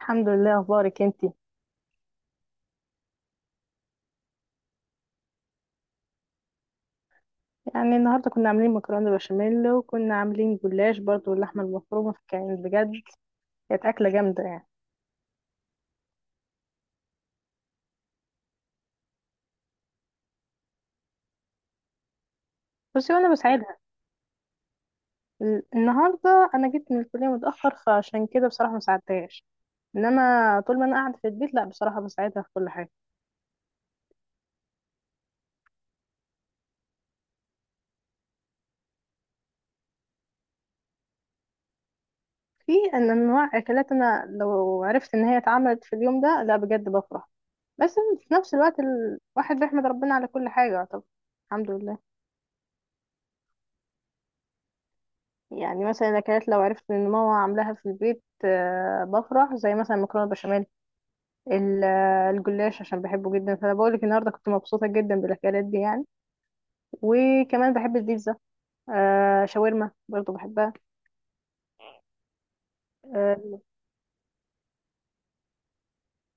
الحمد لله. اخبارك انتي؟ يعني النهارده كنا عاملين مكرونه بشاميل، وكنا عاملين جلاش برضو، واللحمه المفرومه كانت بجد. كانت اكله جامده يعني. بس وانا بساعدها. النهارده انا جيت من الكليه متاخر، فعشان كده بصراحه ما ساعدتهاش. انما طول ما انا قاعده في البيت، لا بصراحه بساعدها في كل حاجه. في ان انواع اكلات، انا لو عرفت ان هي اتعملت في اليوم ده لا بجد بفرح. بس في نفس الوقت الواحد بيحمد ربنا على كل حاجه. طب الحمد لله. يعني مثلا الاكلات لو عرفت ان ماما عاملاها في البيت، بفرح، زي مثلا المكرونه بشاميل. الجلاش عشان بحبه جدا، فانا بقول لك النهارده كنت مبسوطه جدا بالاكلات دي يعني. وكمان بحب البيتزا. شاورما برضو بحبها. آه،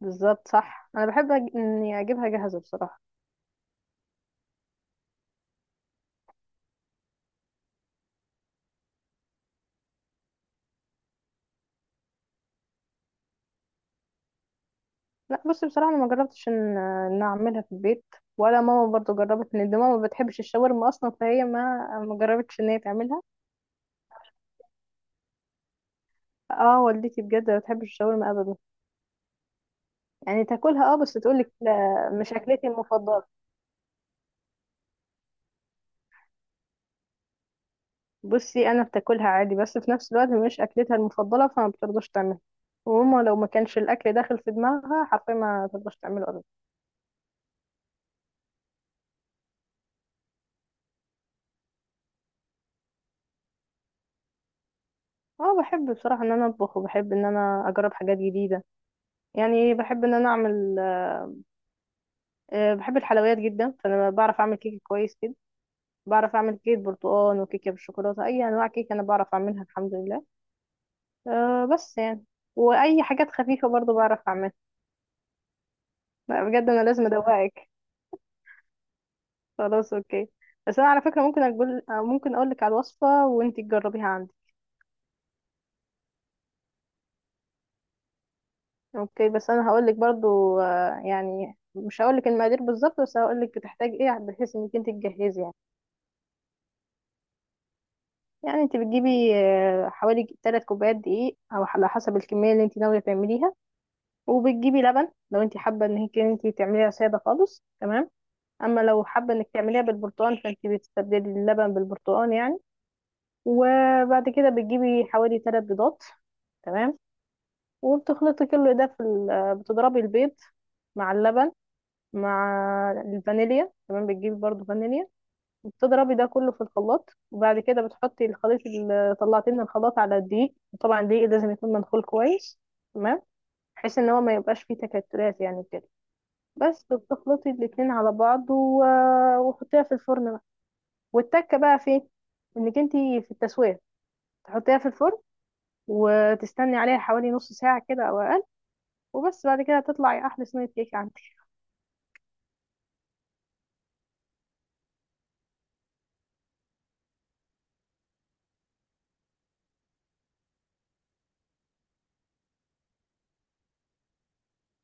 بالظبط صح، انا بحب اني اجيبها جاهزه بصراحه. لا بصي بصراحه، انا ما جربتش ان اعملها في البيت، ولا ماما برضو جربت ان، دي ماما ما بتحبش الشاورما اصلا، فهي ما جربتش ان هي تعملها. اه، والدتي بجد ما بتحبش الشاورما ابدا. يعني تاكلها، اه، بس تقولك لا مش اكلتي المفضله. بصي، انا بتاكلها عادي، بس في نفس الوقت مش اكلتها المفضله، فما بترضاش تعملها. وماما لو ما كانش الاكل داخل في دماغها حرفيا ما ترضاش تعمله ابدا. اه بحب بصراحه ان انا اطبخ، وبحب ان انا اجرب حاجات جديده. يعني بحب ان انا اعمل، بحب الحلويات جدا، فانا بعرف اعمل كيك كويس جدا. بعرف اعمل كيك برتقال وكيكه بالشوكولاته، اي انواع كيك انا بعرف اعملها الحمد لله. بس يعني، واي حاجات خفيفه برضو بعرف اعملها. لا، بجد انا لازم ادوقك. خلاص اوكي، بس انا على فكره ممكن اقول لك على الوصفه وانتي تجربيها عندي. اوكي، بس انا هقول لك برضو، يعني مش هقول لك المقادير بالظبط، بس هقول لك بتحتاج ايه، بحيث انك انت تجهزي يعني. يعني انت بتجيبي، حوالي 3 كوبايات دقيق، او على حسب الكميه اللي انت ناويه تعمليها. وبتجيبي لبن. لو انت حابه ان هيك انت تعمليها ساده خالص، تمام. اما لو حابه انك تعمليها بالبرتقال، فانت بتستبدلي اللبن بالبرتقال يعني. وبعد كده بتجيبي حوالي 3 بيضات، تمام. وبتخلطي كل ده في بتضربي البيض مع اللبن مع الفانيليا، تمام، بتجيبي برضو فانيليا. وبتضربي ده كله في الخلاط، وبعد كده بتحطي الخليط اللي طلعتيه من الخلاط على الدقيق، وطبعا الدقيق لازم يكون منخول كويس، تمام، بحيث ان هو ما يبقاش فيه تكتلات يعني كده. بس بتخلطي الاتنين على بعض وحطيها في الفرن بقى. والتكه بقى فين انك انتي في التسويه. تحطيها في الفرن وتستني عليها حوالي نص ساعه كده او اقل، وبس بعد كده هتطلعي احلى صينيه كيك.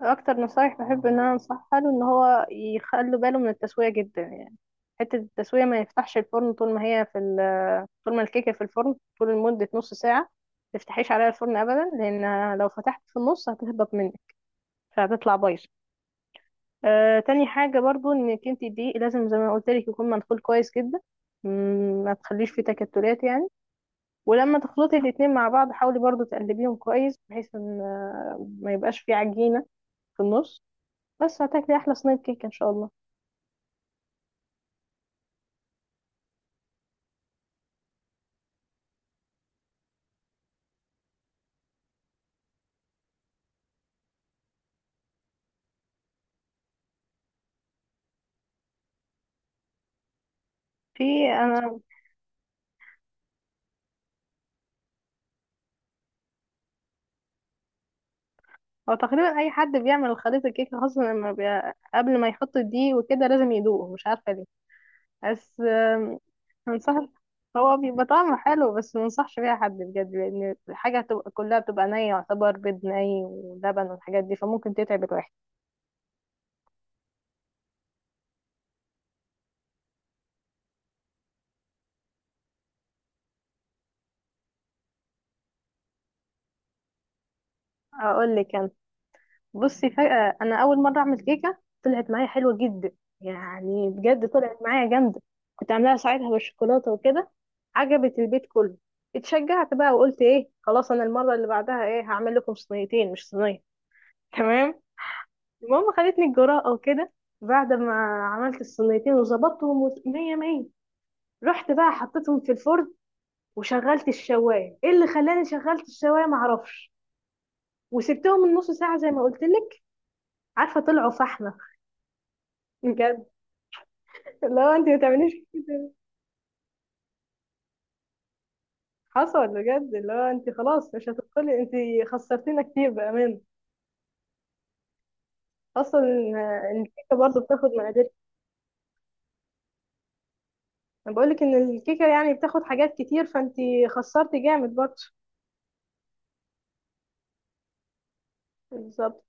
اكتر نصايح بحب ان انا انصحها له، ان هو يخلي باله من التسويه جدا يعني. حته التسويه، ما يفتحش الفرن طول ما هي في طول ما الكيكه في الفرن طول لمده نص ساعه. ما تفتحيش عليها الفرن ابدا، لان لو فتحت في النص هتهبط منك، فهتطلع بايظه. تاني حاجه برضو، انك انت دي لازم زي ما قلت لك يكون مدخول كويس جدا. ما تخليش فيه تكتلات يعني. ولما تخلطي الاتنين مع بعض، حاولي برضو تقلبيهم كويس بحيث ان، ما يبقاش فيه عجينه في النص. بس هتاكلي احلى صينيه كيكه ان شاء الله. في، انا، هو تقريبا اي حد بيعمل خليط الكيكه، خاصه لما قبل ما يحط الدقيق وكده لازم يدوقه، مش عارفه ليه. بس منصحش. هو بيبقى طعمه حلو، بس منصحش بيها حد بجد، لان الحاجه هتبقى كلها بتبقى نيه يعتبر، بيض ني ولبن والحاجات دي، فممكن تتعب الواحد. اقول لك. بصي، فجأة أنا أول مرة أعمل كيكة طلعت معايا حلوة جدا. يعني بجد طلعت معايا جامدة. كنت عاملاها ساعتها بالشوكولاتة وكده، عجبت البيت كله. اتشجعت بقى وقلت إيه خلاص، أنا المرة اللي بعدها إيه هعمل لكم صينيتين مش صينية. تمام. المهم خدتني الجرأة وكده، بعد ما عملت الصينيتين وظبطتهم مية مية، رحت بقى حطيتهم في الفرن، وشغلت الشواية. ايه اللي خلاني شغلت الشواية معرفش. وسبتهم من نص ساعة زي ما قلت لك، عارفة طلعوا فحمة بجد. لا انت ما تعمليش كده. حصل بجد. لا انت خلاص مش هتدخلي انت، خسرتينا كتير بامان اصلا. إن الكيكه برضو بتاخد مقادير، انا بقول لك ان الكيكه يعني بتاخد حاجات كتير، فانت خسرتي جامد برضو. بالظبط.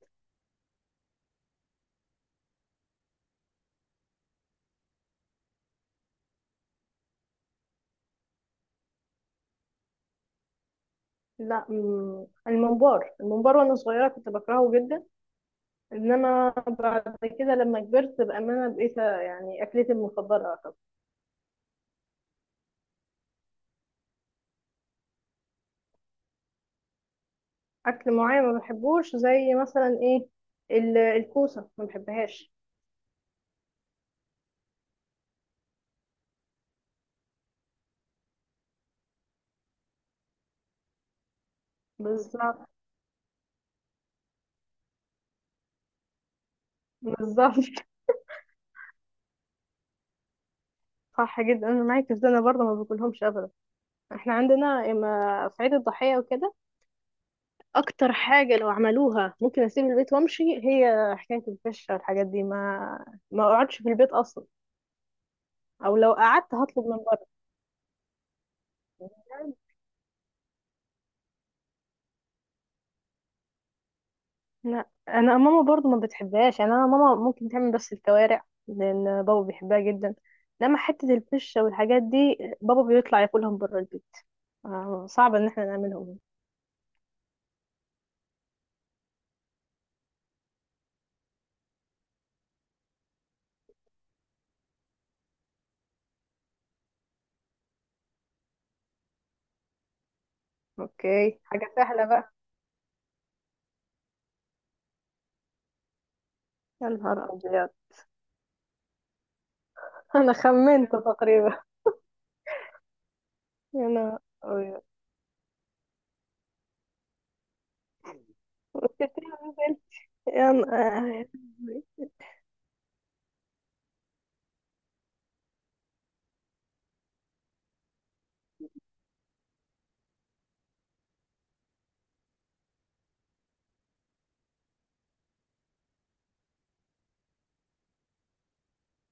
لا، الممبار الممبار وانا صغيره كنت بكرهه جدا، انما بعد كده لما كبرت بامانه بقيت يعني اكلتي المفضله أعتبر. اكل معين ما بحبوش، زي مثلا ايه، الكوسه ما بحبهاش. بالظبط. بالظبط. صح جدا انا معاك، ازاي انا برضه ما باكلهمش ابدا. احنا عندنا اما في عيد الضحيه وكده، اكتر حاجه لو عملوها ممكن اسيب البيت وامشي، هي حكايه الفشه والحاجات دي، ما اقعدش في البيت اصلا، او لو قعدت هطلب من بره. لا انا ماما برضه ما بتحبهاش، يعني انا ماما ممكن تعمل بس الكوارع لان بابا بيحبها جدا. لما حته الفشه والحاجات دي، بابا بيطلع ياكلهم بره البيت. صعب ان احنا نعملهم. اوكي، حاجه سهله بقى. يا نهار ابيض. انا خمنت تقريبا. يا انا. نزل يا ن-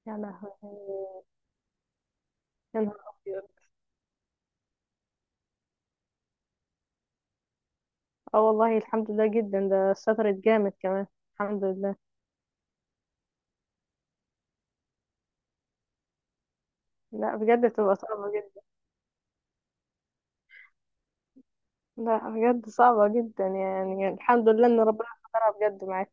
يا لهوي. يا نهار ابيض. اه والله الحمد لله جدا، ده شطرت جامد كمان، الحمد لله. لا بجد بتبقى صعبة جدا. لا بجد صعبة جدا يعني، الحمد لله ان ربنا سترها بجد معاك.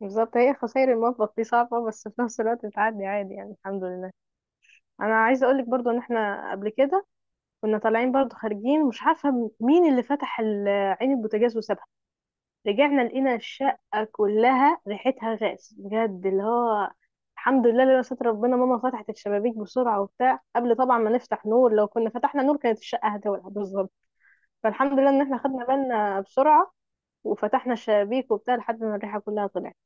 بالظبط. هي خسائر المطبخ دي صعبة، بس في نفس الوقت بتعدي عادي يعني، الحمد لله. انا عايزة اقولك برضو، ان احنا قبل كده كنا طالعين برضو خارجين، مش عارفة مين اللي فتح عين البوتاجاز وسابها. رجعنا لقينا الشقة كلها ريحتها غاز بجد، اللي هو، الحمد لله لولا ستر ربنا، ماما فتحت الشبابيك بسرعة وبتاع قبل طبعا ما نفتح نور، لو كنا فتحنا نور كانت الشقة هتولع بالظبط. فالحمد لله ان احنا خدنا بالنا بسرعة، وفتحنا الشبابيك وبتاع لحد ما الريحة كلها طلعت.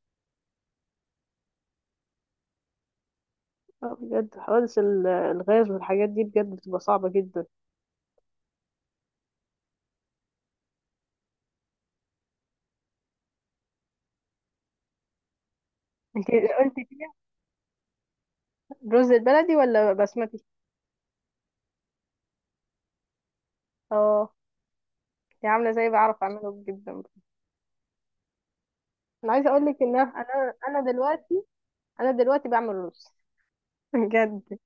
بجد حوادث الغاز والحاجات دي بجد بتبقى صعبة جدا. انت قلتي فيها رز البلدي ولا بسمتي؟ اه، دي عاملة زي، بعرف اعمله جدا. انا عايزة اقول لك ان انا انا أنا دلوقتي انا دلوقتي بعمل رز بجد.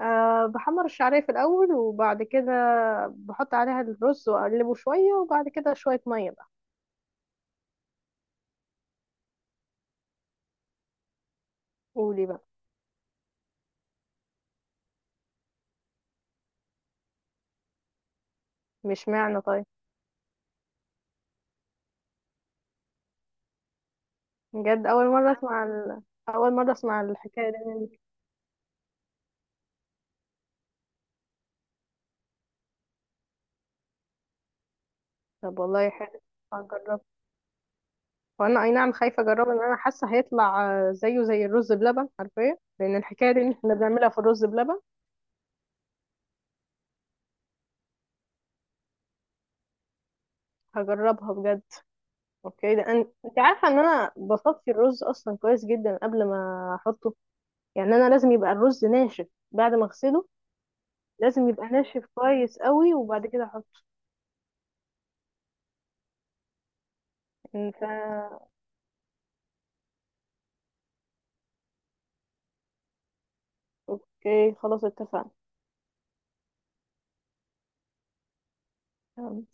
بحمر الشعرية في الأول، وبعد كده بحط عليها الرز وأقلبه شوية، وبعد كده شوية مية بقى. قولي بقى. مش معنى طيب. بجد أول مرة أسمع الحكاية دي منك. طب والله حلو، هجرب. وأنا أي نعم خايفة أجربه، لأن أنا حاسة هيطلع زيه زي الرز بلبن عارفة، لأن الحكاية دي إن إحنا بنعملها في الرز بلبن. هجربها بجد. أوكي، ده أنت عارفة إن أنا بصفي الرز أصلا كويس جدا قبل ما أحطه، يعني أنا لازم يبقى الرز ناشف بعد ما أغسله، لازم يبقى ناشف كويس قوي وبعد كده احطه. ف اوكي خلاص اتفقنا. تمام.